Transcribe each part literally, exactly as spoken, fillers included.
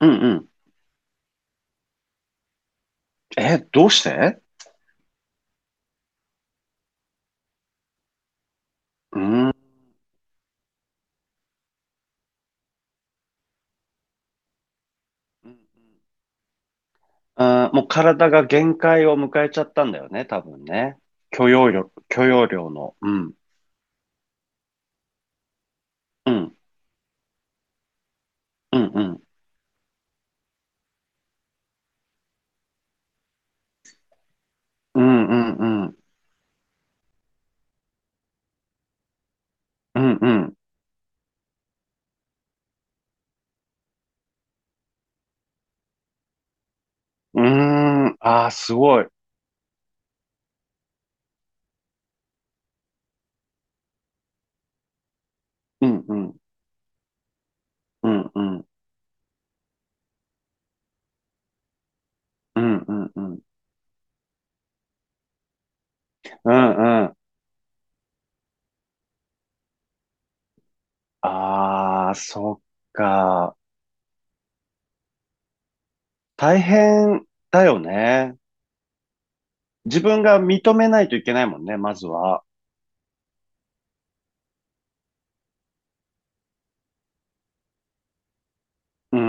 うんうん。え、どうして？うーん。あー、もう体が限界を迎えちゃったんだよね、多分ね。許容量、許容量の。うん。うん。うん。うん。うん。うん。うん。うん。うん。うーん。ああ、すごい。うん。うん。うん。うん。うん。うん。うん。うんうん。ああ、そっか。大変だよね。自分が認めないといけないもんね、まずは。うー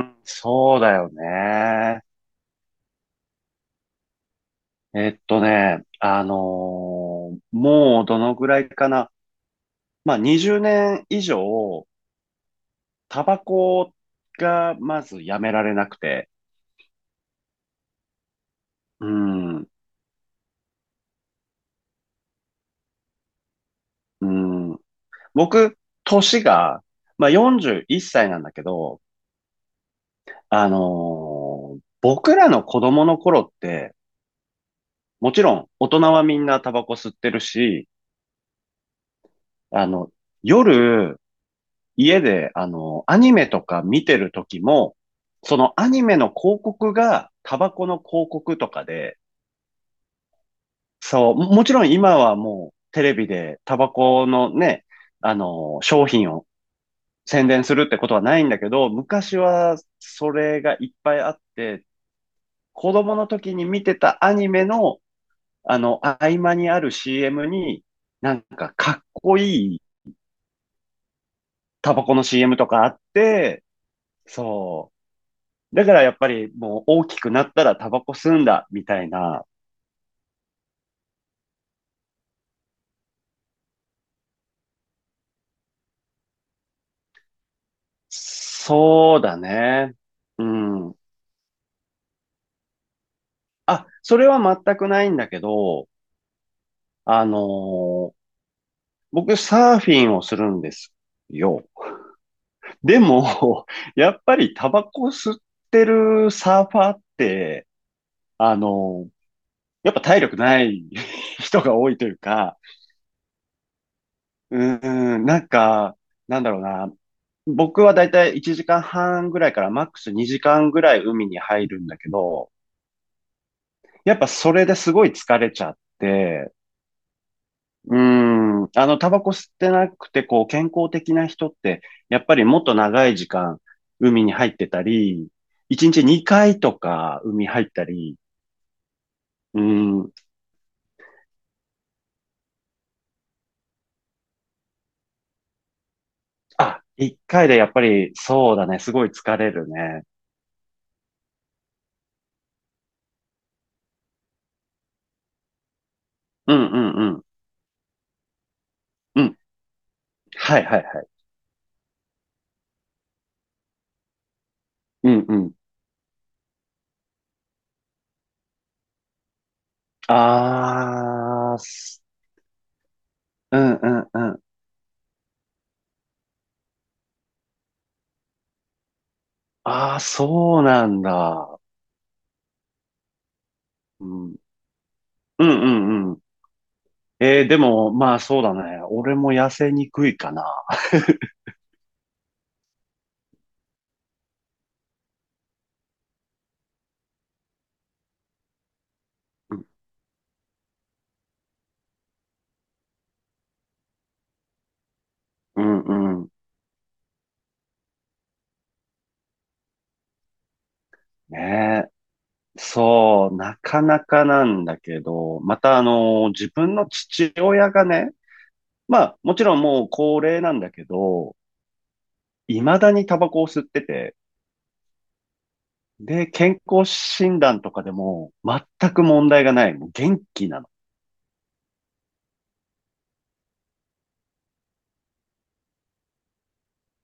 ん。そうだよね。えっとね、あのーもうどのぐらいかな。まあ、にじゅうねん以上、タバコがまずやめられなくて。うん、うん。僕、年が、まあ、よんじゅういっさいなんだけど、あのー僕らの子供の頃って、もちろん大人はみんなタバコ吸ってるし、あの、夜、家で、あの、アニメとか見てる時も、そのアニメの広告がタバコの広告とかで、そう、ももちろん今はもうテレビでタバコのね、あの、商品を宣伝するってことはないんだけど、昔はそれがいっぱいあって、子供の時に見てたアニメの、あの、合間にある シーエム に、なんかかっこいいタバコの シーエム とかあって、そう、だからやっぱりもう大きくなったらタバコ吸うんだ、みたいな。そうだね。うん。あ、それは全くないんだけど、あのー僕サーフィンをするんですよ。でも、やっぱりタバコ吸ってるサーファーって、あのーやっぱ体力ない 人が多いというか、うーん、なんか、なんだろうな、僕はだいたいいちじかんはんぐらいからマックスにじかんぐらい海に入るんだけど、やっぱそれですごい疲れちゃって、うーん、あの、タバコ吸ってなくて、こう、健康的な人って、やっぱりもっと長い時間海に入ってたり、いちにちにかいとか海入ったり、うーん、あ、いっかいでやっぱりそうだね、すごい疲れるね。うんうんうん。うん。はいはいはい。うんうん。あー、すうんうんうん。ああ、そうなんだ。うん。うんうんうん。えー、でも、まあそうだね。俺も痩せにくいかな。うんうんうん。ねえ。そう、なかなかなんだけど、またあの、自分の父親がね、まあもちろんもう高齢なんだけど、未だにタバコを吸ってて、で、健康診断とかでも全く問題がない。もう元気なの。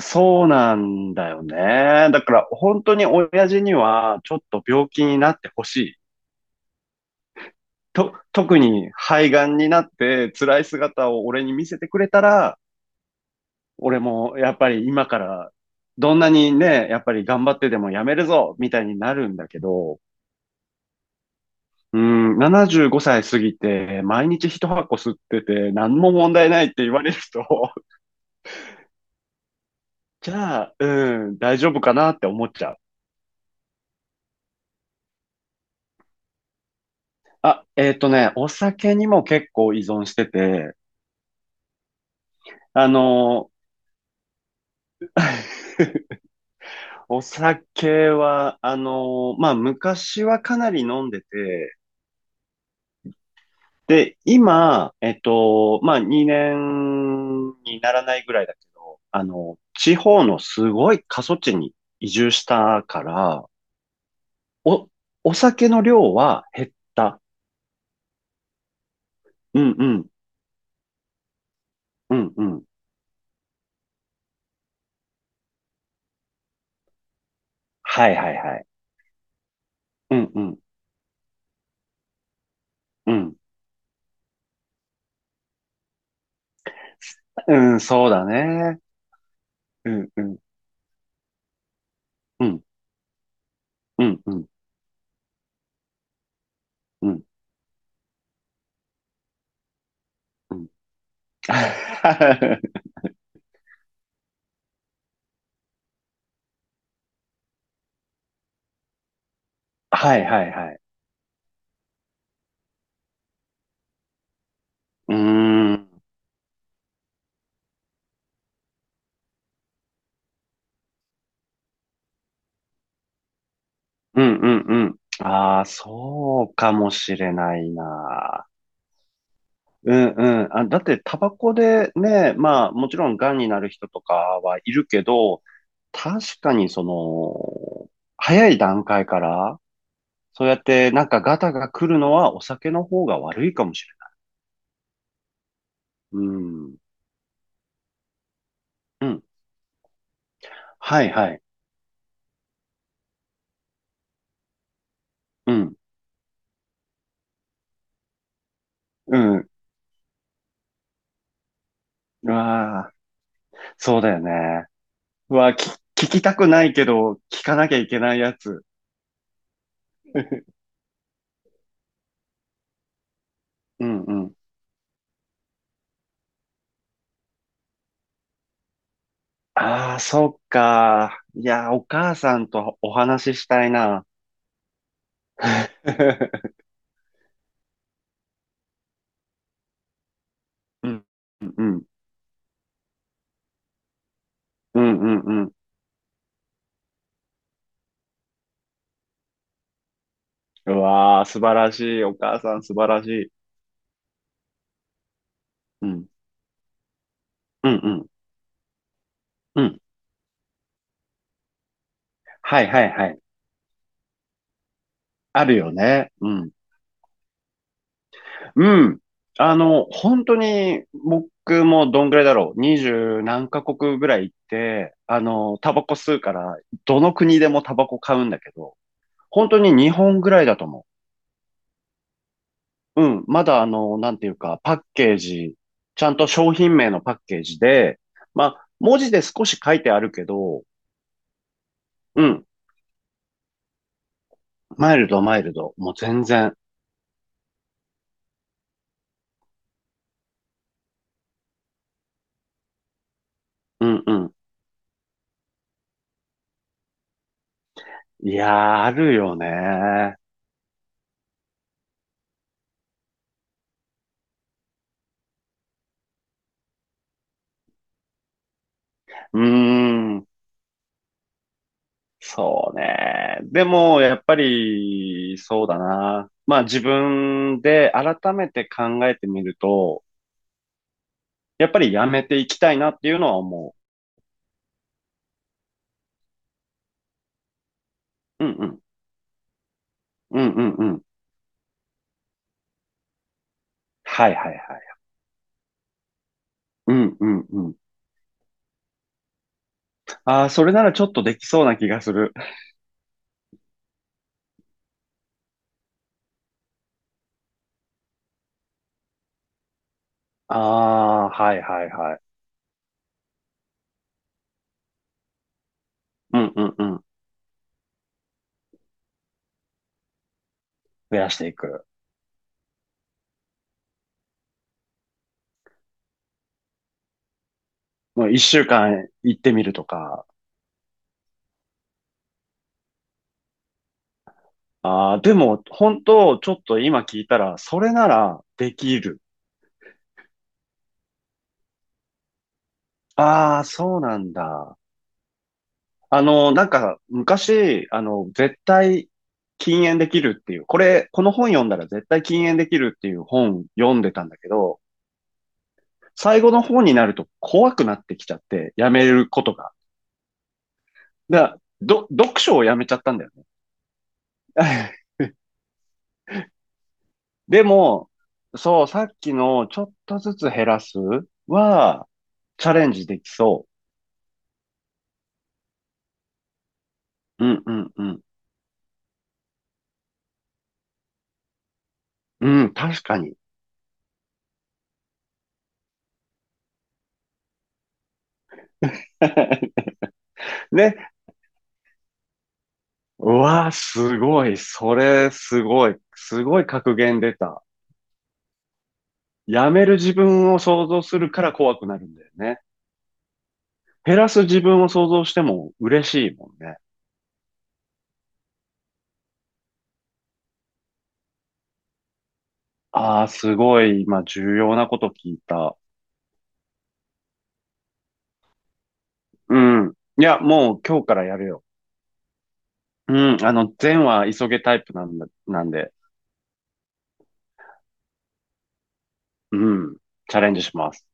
そうなんだよね。だから本当に親父にはちょっと病気になってほしい。と、特に肺がんになって辛い姿を俺に見せてくれたら、俺もやっぱり今からどんなにね、やっぱり頑張ってでもやめるぞみたいになるんだけど、うん、ななじゅうごさい過ぎて毎日ひとはこ吸ってて何も問題ないって言われると、じゃあ、うん、大丈夫かなって思っちゃう。あ、えっとね、お酒にも結構依存してて、あの、お酒は、あの、まあ、昔はかなり飲んでて、で、今、えっと、まあ、にねんにならないぐらいだけど、あの、地方のすごい過疎地に移住したから、お、お酒の量は減った。うんうん、うんうん。はいはいはい。うんうん、うん。うん、そうだね。うんうん、うん、うんうん、うんうん。はいはいはい。うーん、うん、うん、うん。ああ、そうかもしれないな。うん、うん。あ、だって、タバコでね、まあ、もちろん、癌になる人とかはいるけど、確かに、その、早い段階から、そうやって、なんか、ガタが来るのは、お酒の方が悪いかもしれない。うん、うん。はい、はい。うん、うん。うわあ、そうだよね。うわあ、き聞きたくないけど、聞かなきゃいけないやつ。うん、うん。ああ、そっか。いや、お母さんとお話ししたいな。うん、うん、うん、うん、うん。うんわあ、素晴らしい。お母さん素晴らしい。うん、うん、うん、うん。はい、はい、はい。あるよね。うん。うん。あの、本当に、僕もどんぐらいだろう。にじゅうなんかこくぐらい行って、あの、タバコ吸うから、どの国でもタバコ買うんだけど、本当に日本ぐらいだと思う。うん、まだあの、なんていうか、パッケージ、ちゃんと商品名のパッケージで、まあ、文字で少し書いてあるけど、うん、マイルド、マイルド、もう全然、うんうん。いやー、あるよね。うーん、そうね。でも、やっぱり、そうだな。まあ、自分で改めて考えてみると、やっぱりやめていきたいなっていうのは思う。うんうん、うんうんうん。はいはいはい。うんうんうん。ああ、それならちょっとできそうな気がする。ああ、はいはいはい。うんうんうん。増やしていく。もういっしゅうかん行ってみるとか。ああ、でも、本当ちょっと今聞いたら、それならできる。ああ、そうなんだ。あの、なんか、昔、あの、絶対禁煙できるっていう、これ、この本読んだら絶対禁煙できるっていう本読んでたんだけど、最後の方になると怖くなってきちゃって、やめることが。だど、読書をやめちゃったんだよね。 でも、そう、さっきのちょっとずつ減らすは、チャレンジできそう。うんうんうん。うん、確かに。ね。うわーすごい。それ、すごい。すごい格言出た。やめる自分を想像するから怖くなるんだよね。減らす自分を想像しても嬉しいもんね。ああ、すごい。今、重要なこと聞いた。うん。いや、もう今日からやるよ。うん。あの、善は急げタイプなんだ、なんで。うん。チャレンジします。